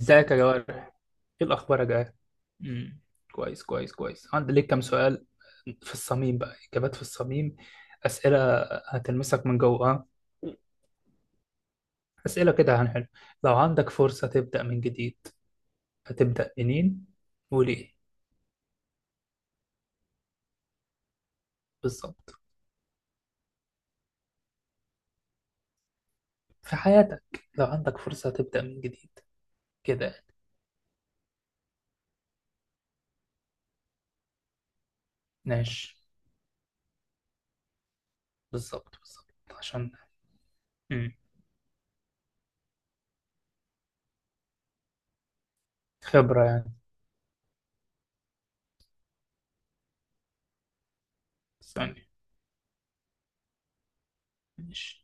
ازيك يا جوار. ايه الاخبار يا جوار؟ امم كويس كويس كويس. عندي ليك كام سؤال في الصميم بقى، اجابات في الصميم. اسئله هتلمسك من جوه، ها؟ اسئله كده هنحل. لو عندك فرصه تبدا من جديد، هتبدا منين وليه؟ بالظبط. في حياتك، لو عندك فرصه تبدا من جديد كده. ماشي، بالظبط بالظبط عشان امم خبره يعني. استني. ماشي،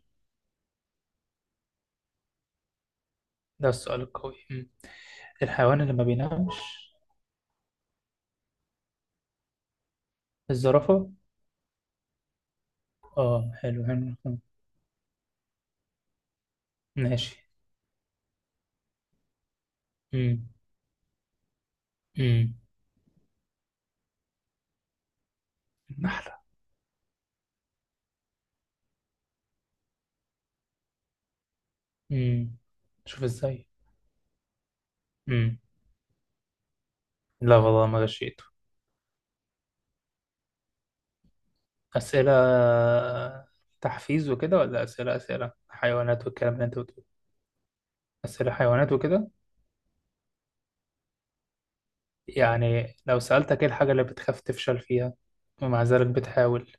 ده السؤال القوي. الحيوان اللي ما بينامش؟ الزرافه. اه، حلو حلو حلو. ماشي. امم امم نحلة. امم شوف ازاي. امم لا والله، ما غشيته. أسئلة تحفيز وكده، ولا أسئلة أسئلة حيوانات والكلام اللي أنت بتقوله؟ أسئلة حيوانات وكده. يعني لو سألتك، إيه الحاجة اللي بتخاف تفشل فيها ومع ذلك بتحاول؟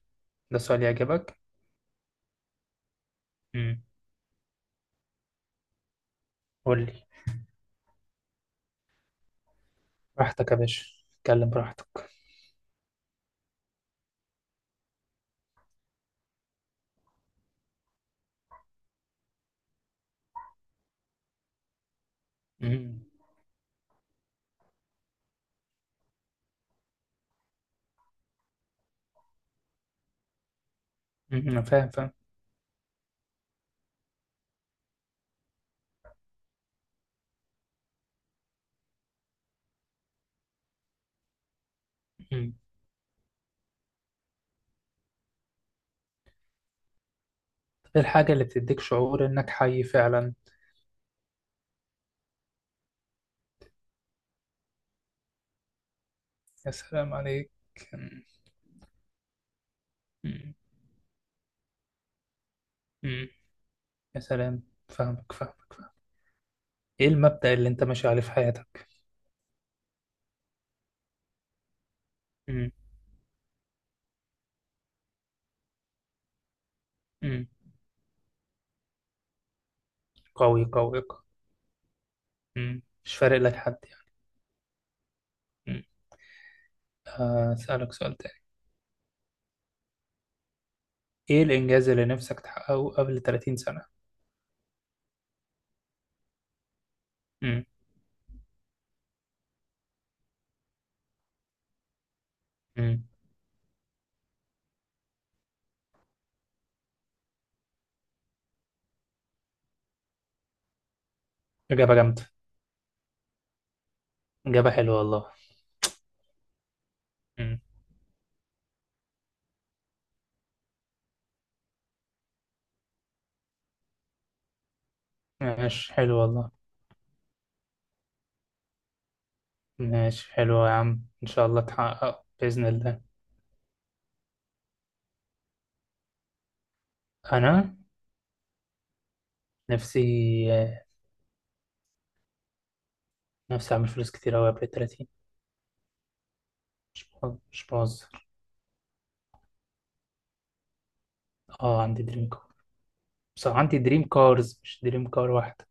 ده سؤال يعجبك. امم قول لي. براحتك يا باشا، اتكلم براحتك. امم أمم، أنا فاهم فاهم. امم إيه الحاجة اللي بتديك شعور إنك حي فعلا؟ يا سلام عليك. مم. مم. يا سلام. فاهمك فاهمك فاهم. ايه المبدأ اللي انت ماشي عليه في حياتك؟ مم. مم. قوي قوي قوي. مم. مش فارق لك حد يعني. مم. هسألك سؤال تاني. ايه الإنجاز اللي نفسك تحققه قبل 30 سنة؟ مم. مم. إجابة جامدة. إجابة حلوة والله. مم. ماشي، حلو والله. ماشي حلو يا عم، إن شاء الله تحققه بإذن الله. أنا؟ نفسي نفسي أعمل فلوس كتير أوي قبل 30. مش بهزر. اه، عندي دريم. بس عندي دريم كارز، مش دريم كار واحدة.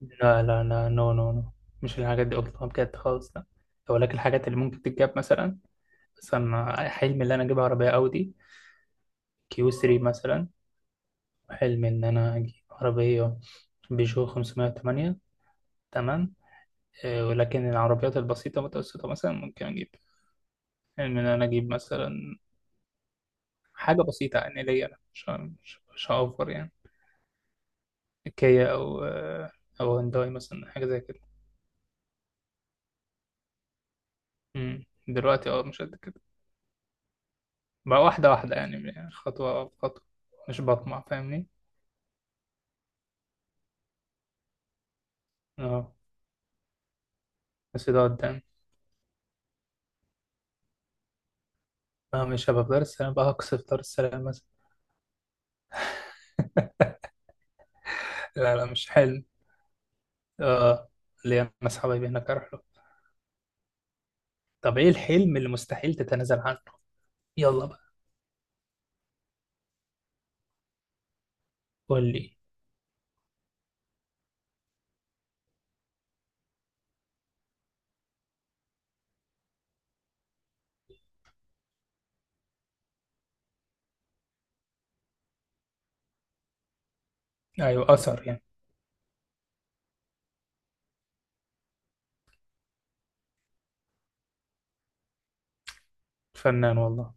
لا لا لا، نو نو نو. مش الحاجات دي، قلتها بجد خالص، لا. ولكن الحاجات اللي ممكن تتجاب مثلا. مثلا حلمي اللي انا اجيب عربية اودي كيو 3 مثلا. حلمي ان انا اجيب عربية بيجو 508. تمام. ولكن العربيات البسيطة المتوسطة مثلا ممكن اجيب. حلم ان انا اجيب مثلا حاجة بسيطة يعني ليا أنا، مش هأوفر يعني. كيا او او هونداي مثلا، حاجة زي كده. مم. دلوقتي اه، مش قد كده. بقى واحدة واحدة، يعني خطوة بخطوة. مش بطمع، فاهمني. اه، بس ده قدام. اه، مش هبقى في دار السلام بقى، هقصف في دار السلام مثلا. لا لا، مش حلم. اه، اللي انا ناس حبايبي هناك اروح له. طب ايه الحلم اللي مستحيل تتنازل عنه؟ يلا بقى. قول لي. ايوه، اثر يعني. فنان والله.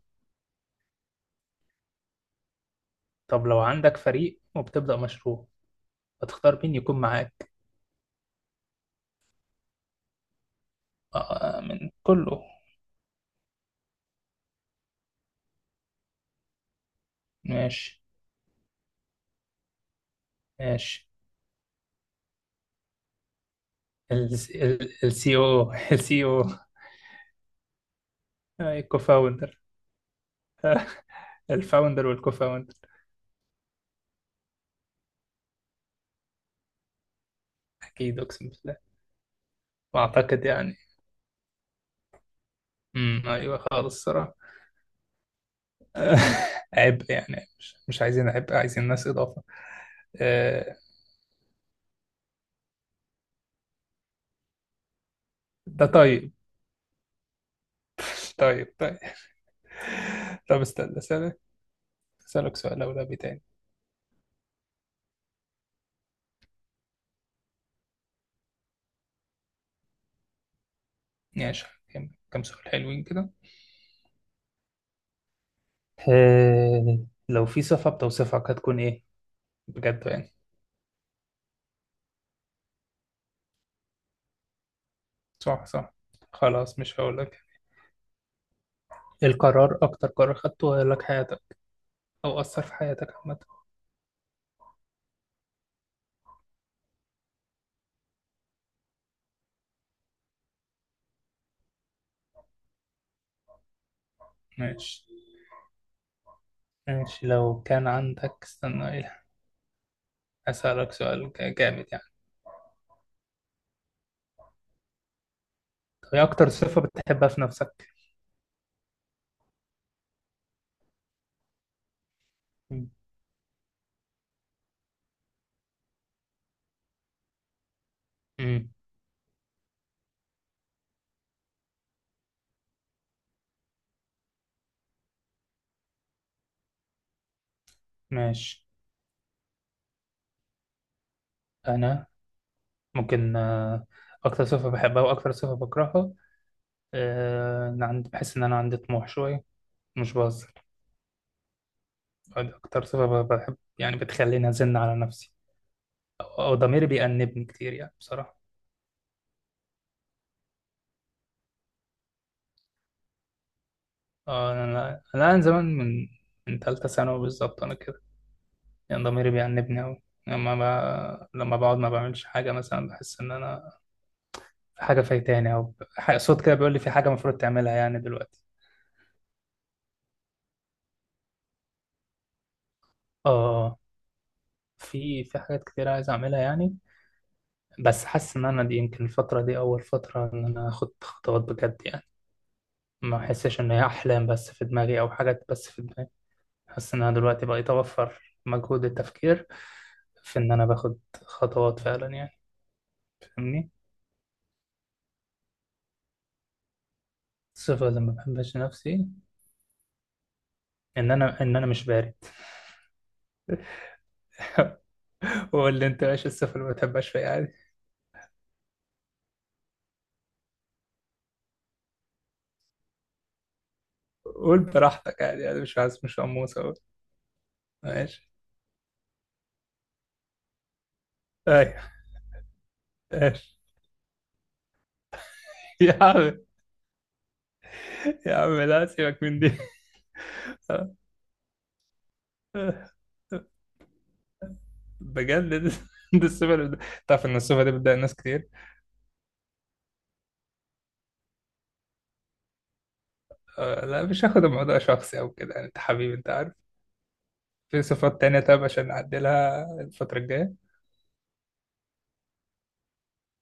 طب لو عندك فريق وبتبدأ مشروع، هتختار مين يكون معاك؟ آه، من كله. ماشي. ماشي. السي او، السي او. الكوفاوندر. الفاوندر والكوفاوندر. اكيد، اقسم بالله. واعتقد يعني. ايوه خالص الصراحه. عبء يعني، مش عايزين عبء، عايزين ناس اضافه. آه، ده طيب. طيب طيب. طب استنى اسالك. اسالك سؤال اولى تاني. ماشي، كم كم سؤال حلوين كده. آه، لو في صفه بتوصفك، هتكون ايه؟ بجد يعني. صح صح. خلاص مش هقول لك. القرار اكتر قرار خدته غير لك حياتك او اثر في حياتك عامه. ماشي. ماشي، لو كان عندك، استنى ايه. أسألك سؤال جامد يعني. طب ايه أكتر صفة بتحبها في نفسك؟ امم ماشي. أنا؟ ممكن أكتر صفة بحبها وأكتر صفة بكرهها. أنا عندي، بحس إن أنا عندي طموح شوية. مش بهزر. دي أكتر صفة بحب، يعني بتخليني أزن على نفسي. أو أو ضميري بيأنبني كتير يعني بصراحة. أنا من زمان، من تالتة ثانوي بالظبط أنا كده. يعني ضميري بيأنبني أوي. لما لما بقعد ما بعملش حاجة مثلا، بحس إن أنا في حاجة فايتاني، أو صوت كده بيقول لي في حاجة المفروض تعملها يعني دلوقتي. آه في حاجات كتير عايز أعملها يعني. بس حاسس إن أنا دي يمكن الفترة دي أول فترة إن أنا آخد خطوات بجد يعني. ما أحسش إن هي أحلام بس في دماغي أو حاجات بس في دماغي. حاسس إن أنا دلوقتي بقيت أوفر مجهود التفكير في إن أنا باخد خطوات فعلا يعني. فاهمني؟ الصفة اللي ما بحبش نفسي، إن أنا مش بارد. قول اللي انت ماشي، الصفر اللي ما بتحبهاش فيها عادي. قول براحتك، عادي يعني، مش عايز، مش قموصة، قول. ماشي. ايوه. ماشي. يا عم، يا عم لا، سيبك من دي. بجد دي الصفة اللي تعرف ان الصفة دي بتضايق ناس كتير. لا، مش هاخد الموضوع شخصي او كده، يعني انت حبيبي، انت عارف. في صفات تانية، طب عشان نعدلها الفترة الجاية.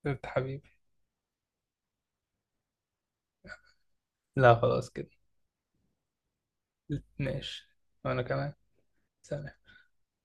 انت حبيبي. لا، خلاص كده. ماشي. وانا كمان. سلام.